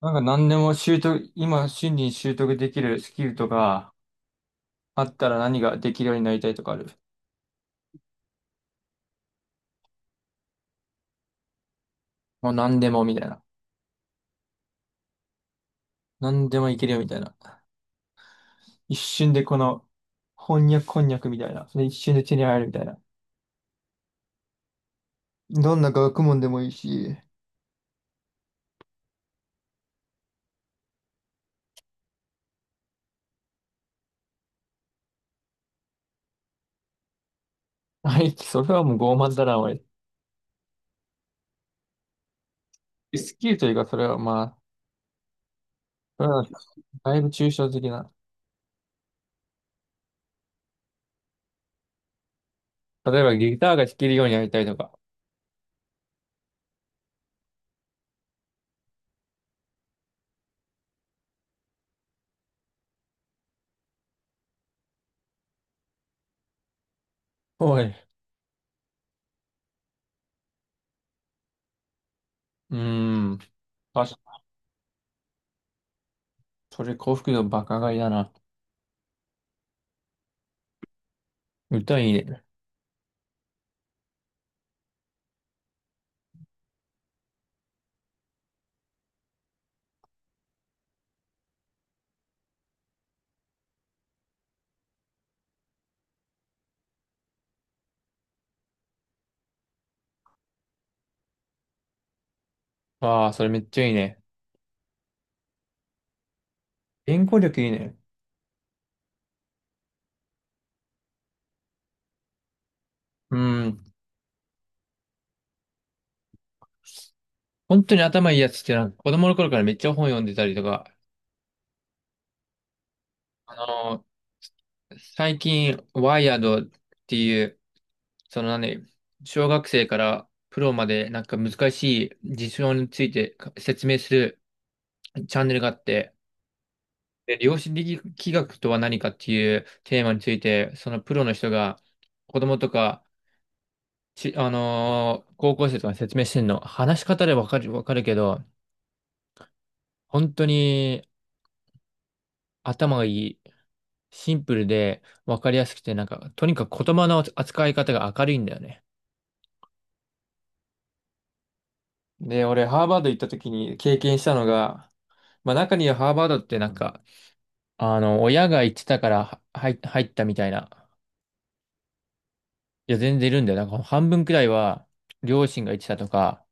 なんか何でも習得、今瞬時に習得できるスキルとかあったら何ができるようになりたいとかある。もう何でもみたいな。何でもいけるよみたいな。一瞬でこの翻訳こんにゃくみたいな。それ一瞬で手に入るみたいな。どんな学問でもいいし。はい、それはもう傲慢だな、おい。スキルというか、それはだいぶ抽象的な。例えばギターが弾けるようになりたいとか。おい。うーん。あ、それ幸福度バカ買いだな。歌いいね。ああ、それめっちゃいいね。言語力いいね。うん。本当に頭いいやつってなんか子供の頃からめっちゃ本読んでたりとか、あのー最近、ワイヤードっていう、その何、小学生からプロまでなんか難しい事象について説明するチャンネルがあって、で、量子力学とは何かっていうテーマについて、そのプロの人が子供とか、ち、あのー高校生とかに説明してんの、話し方でわかるけど、本当に頭がいい。シンプルで分かりやすくて、なんか、とにかく言葉の扱い方が明るいんだよね。で、俺、ハーバード行った時に経験したのが、まあ中にはハーバードってなんか、あの、親が行ってたからは入ったみたいな、いや、全然いるんだよ。なんか半分くらいは両親が行ってたとか、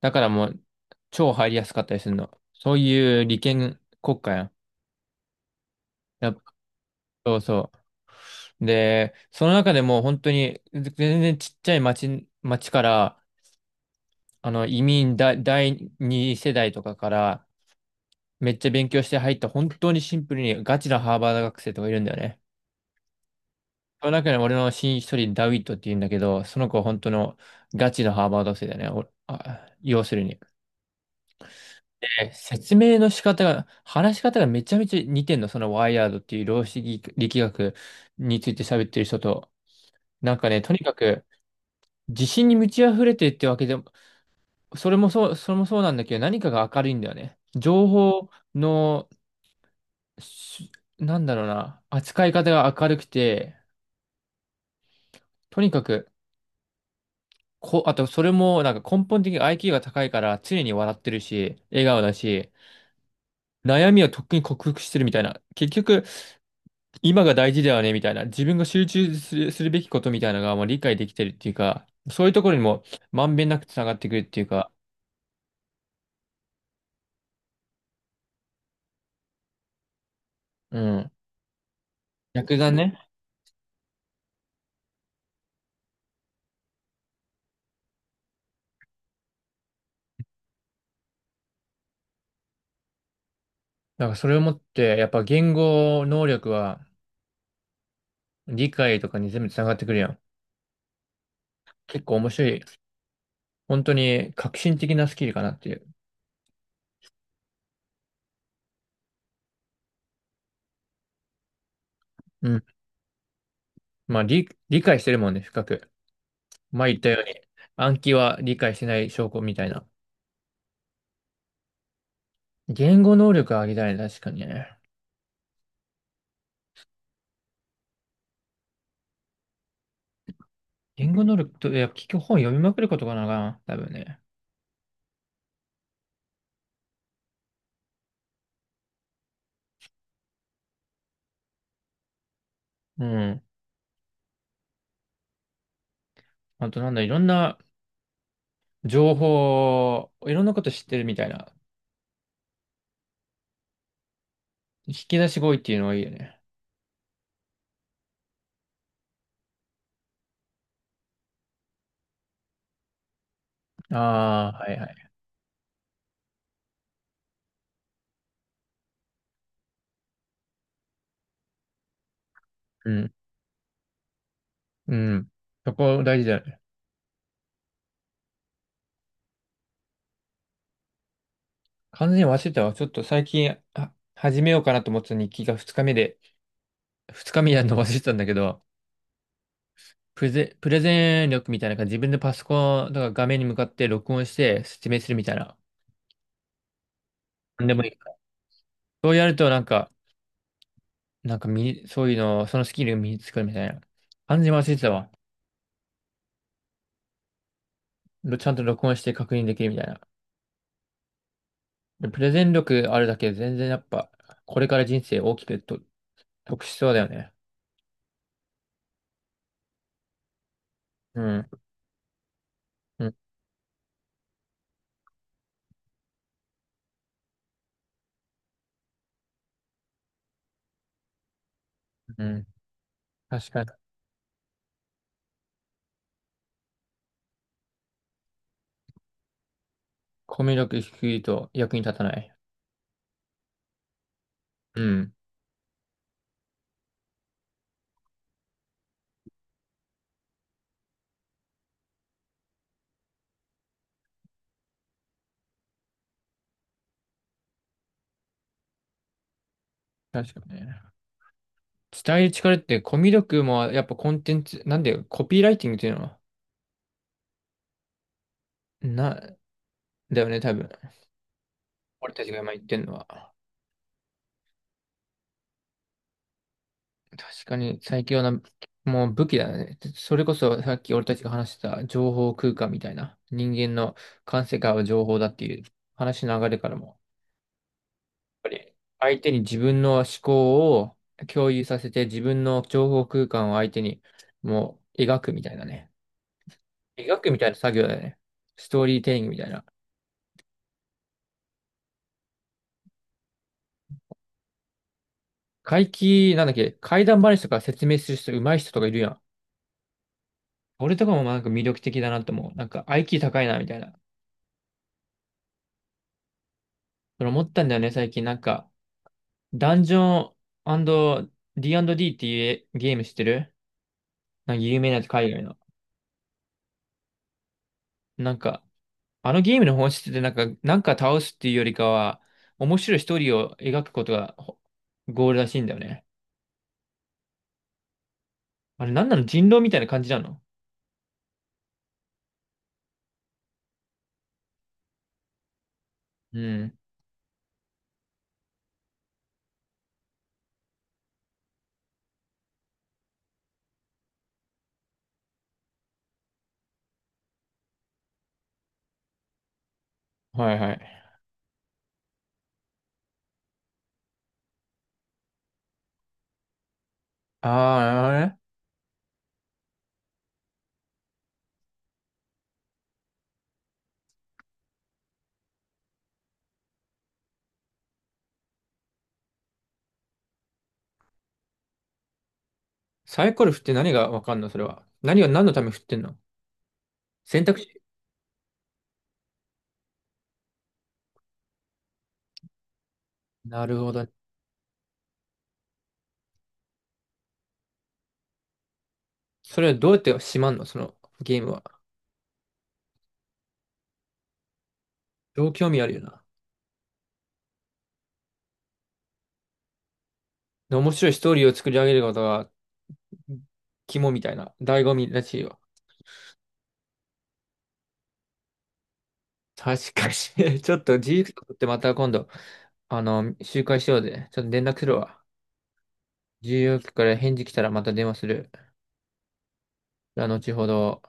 だからもう、超入りやすかったりするの。そういう利権国家やん。やっぱそうそう。で、その中でも本当に全然ちっちゃい町から、あの、移民だ、第二世代とかからめっちゃ勉強して入った本当にシンプルにガチなハーバード学生とかいるんだよね。その中に俺の親一人ダウィットって言うんだけど、その子は本当のガチのハーバード生だよね。おあ、要するに。で説明の仕方が、話し方がめちゃめちゃ似てんの。そのワイヤードっていう量子力学について喋ってる人と。なんかね、とにかく自信に満ち溢れてるってわけでも、それもそうなんだけど、何かが明るいんだよね。情報のしなんだろうな、扱い方が明るくて、とにかく、あとそれもなんか根本的に IQ が高いから常に笑ってるし、笑顔だし、悩みをとっくに克服してるみたいな。結局、今が大事だよねみたいな。自分が集中する、するべきことみたいなのがもう理解できてるっていうか、そういうところにもまんべんなくつながってくるっていうか、うん。逆だね。だからそれをもって、やっぱ言語能力は理解とかに全部つながってくるやん。結構面白い本当に革新的なスキルかなっていう。うん。まあ、理解してるもんね、深く。前言ったように、暗記は理解してない証拠みたいな。言語能力上げたいね、確かにね。言語能力と、いや、結局本読みまくることかな、多分ね。うん。あとなんだ、いろんな情報、いろんなこと知ってるみたいな。引き出し語彙っていうのがいいよね。ああ、はいはい。うん。うん。そこ大事だよね。完全に忘れてたわ。ちょっと最近、あ、始めようかなと思ってた日記が2日目で、二日目やるの忘れてたんだけど、プレゼン力みたいな感じ、自分でパソコンとか画面に向かって録音して説明するみたいな。なんでもいいから。そうやるとなんか、なんか身そういうの、そのスキルを身につくみたいな。完全に忘れてたわ。ちゃんと録音して確認できるみたいな。でプレゼン力あるだけで全然やっぱ、これから人生大きくと得しそうだよね。うん。うん。うん。確かに。コミュ力低いと役に立たない。うん。確かにね。伝える力ってコミュ力もやっぱコンテンツ、なんでコピーライティングっていうのは、な、だよね、多分。俺たちが今言ってるのは。確かに最強な、もう武器だね。それこそさっき俺たちが話してた情報空間みたいな。人間の感性からは情報だっていう話の流れからも。やっぱり相手に自分の思考を共有させて自分の情報空間を相手にもう描くみたいなね。描くみたいな作業だよね。ストーリーテリングみたいな。怪奇、なんだっけ、怪談話とか説明する人、上手い人とかいるやん。俺とかもなんか魅力的だなと思う。なんか IQ 高いな、みたいな。それ思ったんだよね、最近。なんか、ダンジョン D&D っていうゲーム知ってるなんか有名なやつ、海外の。なんか、あのゲームの本質ってなんか、なんか倒すっていうよりかは、面白いストーリーを描くことがゴールらしいんだよね。あれ、なんなの人狼みたいな感じなのうん。はいはい。ああ、なるほどねサイコロ振って何がわかんのそれは。何を何のために振ってんの選択肢。なるほど。それはどうやってしまんのそのゲームは。超興味あるよな。で面白いストーリーを作り上げることが肝みたいな、醍醐味らしいよ。確かに。ちょっと自由曲ってまた今度、あの、集会しようぜ。ちょっと連絡するわ。自由曲から返事来たらまた電話する。じゃあ、後ほど。